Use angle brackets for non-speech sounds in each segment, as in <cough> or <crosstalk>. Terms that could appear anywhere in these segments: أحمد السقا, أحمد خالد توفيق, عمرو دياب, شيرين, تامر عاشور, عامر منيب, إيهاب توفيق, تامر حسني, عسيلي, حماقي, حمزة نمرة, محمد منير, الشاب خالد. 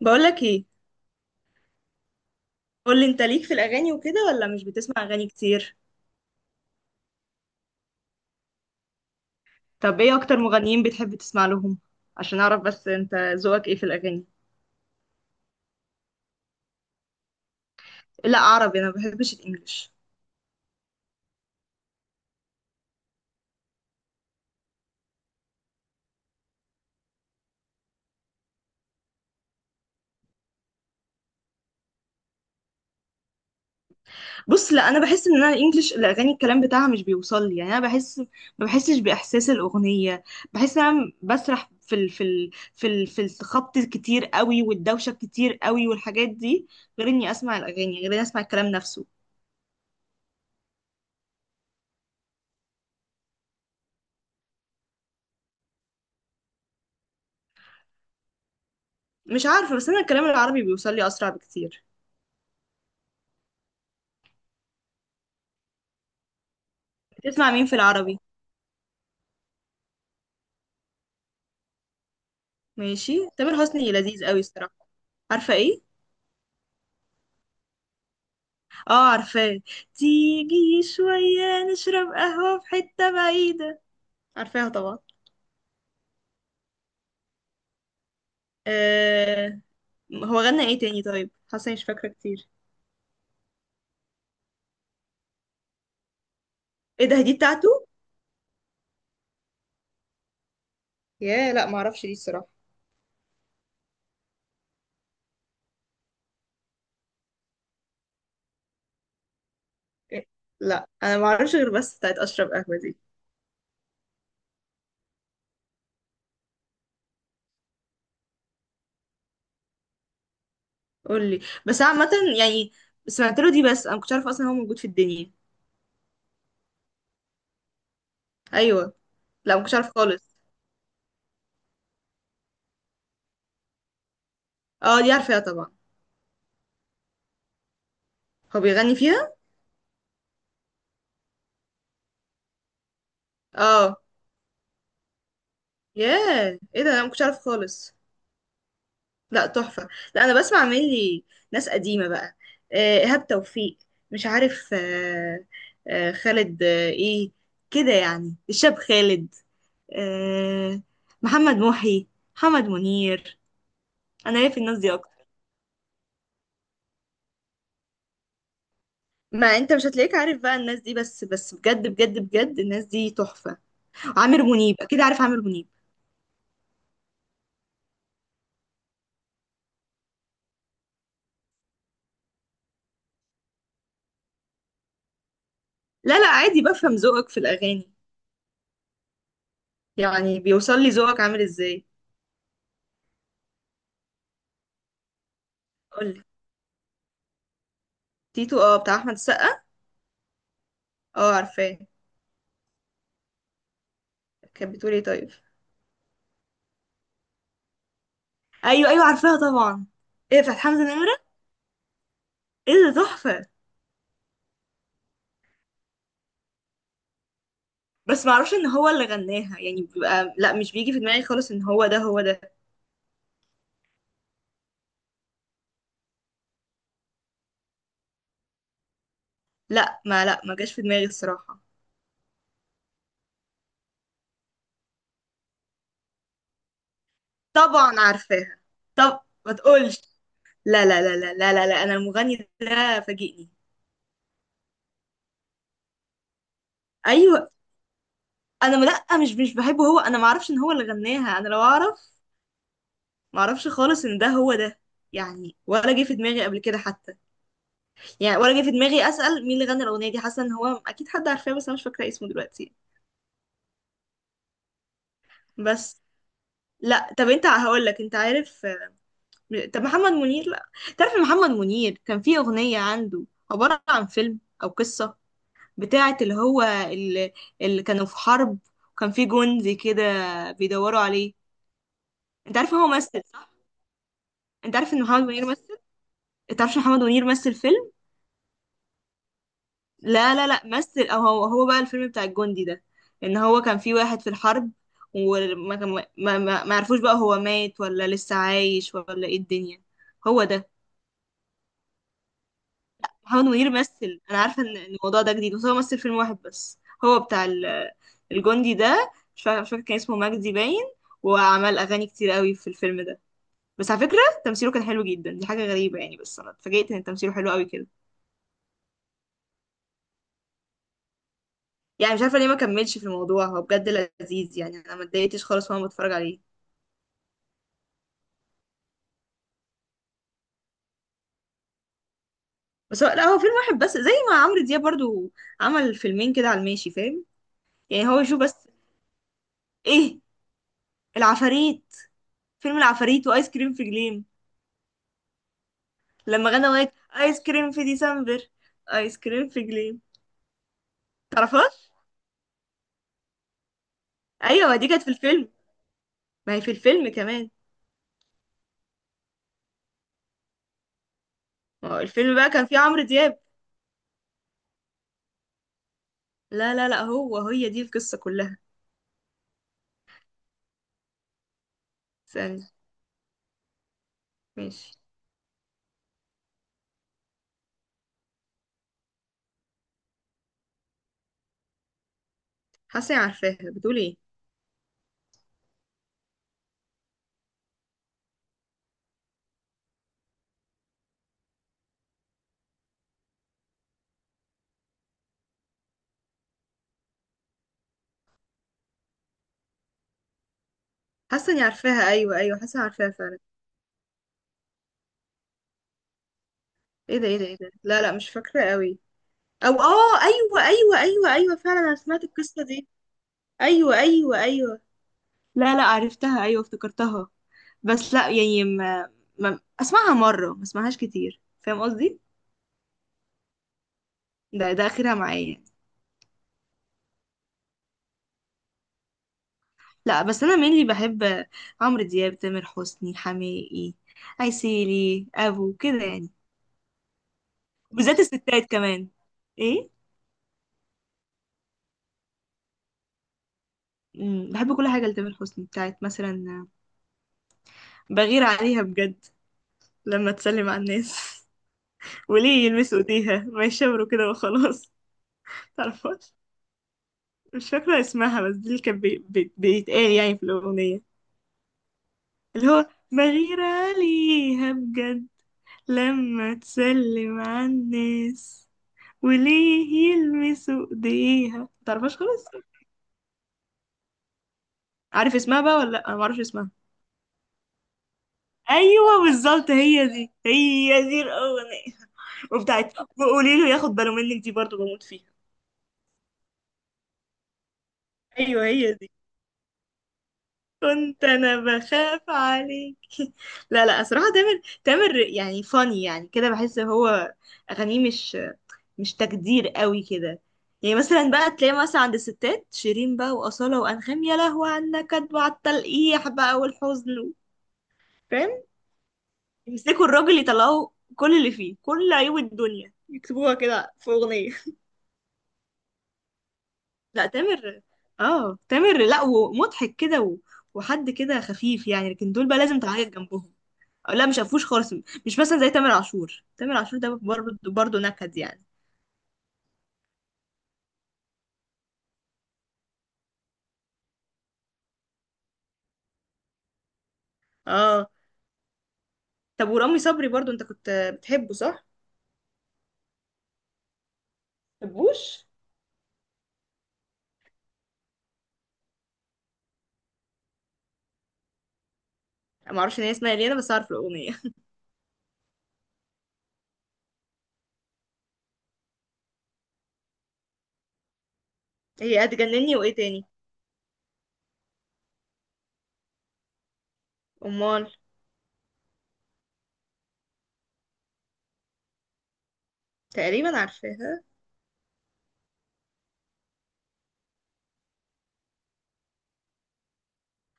بقولك ايه؟ قولي انت ليك في الاغاني وكده ولا مش بتسمع اغاني كتير؟ طب ايه اكتر مغنيين بتحب تسمع لهم؟ عشان اعرف بس انت ذوقك ايه في الاغاني. لا عربي، انا ما بحبش الانجليش. بص، لا انا بحس ان انا الانجليش الاغاني الكلام بتاعها مش بيوصل لي، يعني انا بحس، ما بحسش باحساس الاغنيه. بحس ان انا بسرح في الخبط كتير قوي والدوشه كتير قوي والحاجات دي، غير اني اسمع الاغاني غير اني اسمع الكلام نفسه. مش عارفه، بس انا الكلام العربي بيوصل لي اسرع بكتير. بتسمع مين في العربي؟ ماشي، تامر حسني لذيذ قوي الصراحة. عارفة ايه؟ اه عارفاه. تيجي شوية نشرب قهوة في حتة بعيدة؟ عارفاها طبعا. آه. هو غنى ايه تاني طيب؟ حاسة إني مش فاكرة كتير. ايه ده، دي بتاعته؟ ياه، لا معرفش دي الصراحة. إيه؟ لا، انا معرفش غير بس بتاعت اشرب قهوة دي. قولي. بس عامة يعني سمعت له دي، بس انا مكنتش عارفة اصلا هو موجود في الدنيا. ايوه. لا مكنتش عارفة خالص. اه دي عارفاها طبعا. هو بيغني فيها؟ اه. ياه ايه ده، انا مكنتش عارفة خالص. لا تحفة. لا أنا بسمع مني ناس قديمة بقى. إيهاب توفيق، مش عارف، خالد، إيه، كده يعني، الشاب خالد، آه، محمد محي، محمد منير. أنا ليا في الناس دي أكتر. ما أنت مش هتلاقيك عارف بقى الناس دي، بس بجد بجد بجد الناس دي تحفة. عامر منيب، أكيد عارف عامر منيب. لا لا، عادي، بفهم ذوقك في الأغاني. يعني بيوصل لي ذوقك عامل إزاي. قولي. تيتو، اه بتاع أحمد السقا. اه عارفاه. كانت بتقول ايه طيب؟ ايوه ايوه عارفاها طبعا. ايه بتاعت حمزة نمرة؟ ايه ده تحفة. بس ما اعرفش ان هو اللي غناها، يعني بيبقى لا، مش بيجي في دماغي خالص ان هو ده هو ده. لا، ما جاش في دماغي الصراحة. طبعا عارفاها. طب ما تقولش. لا لا لا لا لا لا, لا. انا المغني ده فاجئني. ايوه. انا ما- لا مش بحبه هو، انا ما اعرفش ان هو اللي غناها، انا لو اعرف. ما اعرفش خالص ان ده هو ده. يعني ولا جه في دماغي قبل كده حتى. يعني ولا جه في دماغي اسال مين اللي غنى الاغنيه دي، حاسه ان هو اكيد حد عارفاه بس انا مش فاكره اسمه دلوقتي. بس. لا، طب انت هقول لك انت عارف، طب محمد منير، لا. تعرف محمد منير كان في اغنية عنده عبارة عن فيلم او قصة، بتاعة اللي كانوا في حرب، وكان في جندي كده بيدوروا عليه. انت عارف هو مثل صح؟ انت عارف ان محمد منير مثل؟ انت عارف محمد منير مثل فيلم؟ لا لا لا، مثل، او هو هو بقى الفيلم بتاع الجندي ده، ان هو كان في واحد في الحرب، وما كان ما عرفوش بقى هو مات ولا لسه عايش ولا ايه الدنيا، هو ده. محمد منير مثل، انا عارفه إن الموضوع ده جديد، بس هو مثل فيلم واحد بس، هو بتاع الجندي ده، مش فاكر كان اسمه مجدي باين، وعمل اغاني كتير قوي في الفيلم ده. بس على فكره، تمثيله كان حلو جدا، دي حاجه غريبه يعني، بس انا اتفاجئت ان تمثيله حلو قوي كده. يعني مش عارفه ليه ما كملش في الموضوع، هو بجد لذيذ، يعني انا ما اتضايقتش خالص وانا بتفرج عليه. بس هو لا، هو فيلم واحد بس، زي ما عمرو دياب برضو عمل فيلمين كده على الماشي، فاهم؟ يعني هو يشوف بس. ايه، العفاريت، فيلم العفاريت، وايس كريم في جليم، لما غنى أغنية آيس كريم في ديسمبر، آيس كريم في جليم. تعرفهاش؟ أيوة دي كانت في الفيلم، ما هي في الفيلم كمان، ما هو الفيلم بقى كان فيه عمرو دياب. لا لا لا، هو هي دي القصة كلها. استنى. ماشي. حاسة إني عارفاها، بتقول إيه؟ حاسة إني عارفاها، أيوة أيوة، حاسة إني عارفاها فعلا. إيه ده إيه ده إيه ده، لا لا مش فاكرة قوي. أو آه، أيوة أيوة أيوة أيوة فعلا، أنا سمعت القصة دي. أيوة أيوة أيوة. لا لا عرفتها، أيوة افتكرتها. بس لا، ما أسمعها مرة، ما أسمعهاش كتير، فاهم قصدي؟ ده اخرها معايا. لا، بس انا mainly بحب عمرو دياب، تامر حسني، حماقي، عسيلي، ابو، كده يعني. بالذات الستات كمان. ايه. بحب كل حاجه لتامر حسني، بتاعت مثلا بغير عليها بجد لما تسلم على الناس. <laughs> وليه يلمسوا ايديها، ما يشاوروا كده وخلاص. <laughs> تعرفهاش؟ مش فاكره اسمها، بس دي اللي كان بيتقال يعني في الاغنيه، اللي هو بغير عليها بجد لما تسلم على الناس وليه يلمسوا ايديها. متعرفهاش خالص؟ عارف اسمها بقى ولا لا؟ انا معرفش اسمها. ايوه بالظبط، هي دي هي دي الاغنيه. وبتاعت وقولي له ياخد باله منك، دي برضو بموت فيها. ايوه هي دي. كنت انا بخاف عليك. <laughs> لا لا، صراحه تامر، تامر يعني فاني يعني كده، بحس هو اغانيه مش تجدير قوي كده. يعني مثلا بقى تلاقي مثلا عند الستات شيرين بقى، وأصالة، وأنغام، يا لهوي عنك، كدب على النكد وعلى التلقيح بقى والحزن، فاهم؟ يمسكوا الراجل يطلعوا كل اللي فيه، كل عيوب الدنيا يكتبوها كده في أغنية. <laughs> لا تامر، اه تامر، لا ومضحك كده وحد كده خفيف يعني، لكن دول بقى لازم تعيط جنبهم. أو لا، مش هفوش خالص. مش مثلا زي تامر عاشور، تامر عاشور ده برضه برضه نكد يعني. اه. طب ورامي صبري برضه انت كنت بتحبه صح؟ بتحبوش؟ ما اعرفش ان هي اسمها ليه، انا بس اعرف الاغنيه. <laughs> هي هتجنني، وايه تاني؟ امال. تقريبا عارفاها.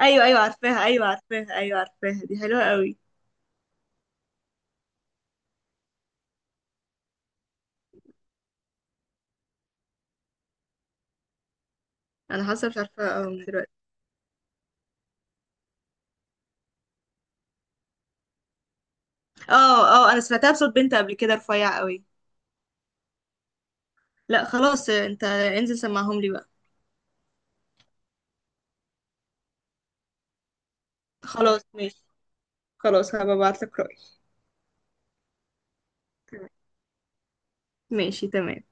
ايوه ايوه عارفاها، ايوه عارفاها، ايوه عارفاها، دي حلوه قوي. انا حاسه، مش عارفه، اه من دلوقتي. اه اه، انا سمعتها بصوت بنت قبل كده رفيع قوي. لا خلاص، انت انزل سمعهم لي بقى. خلاص ماشي. خلاص هبقى ابعت لك رأيي. تمام. ماشي تمام.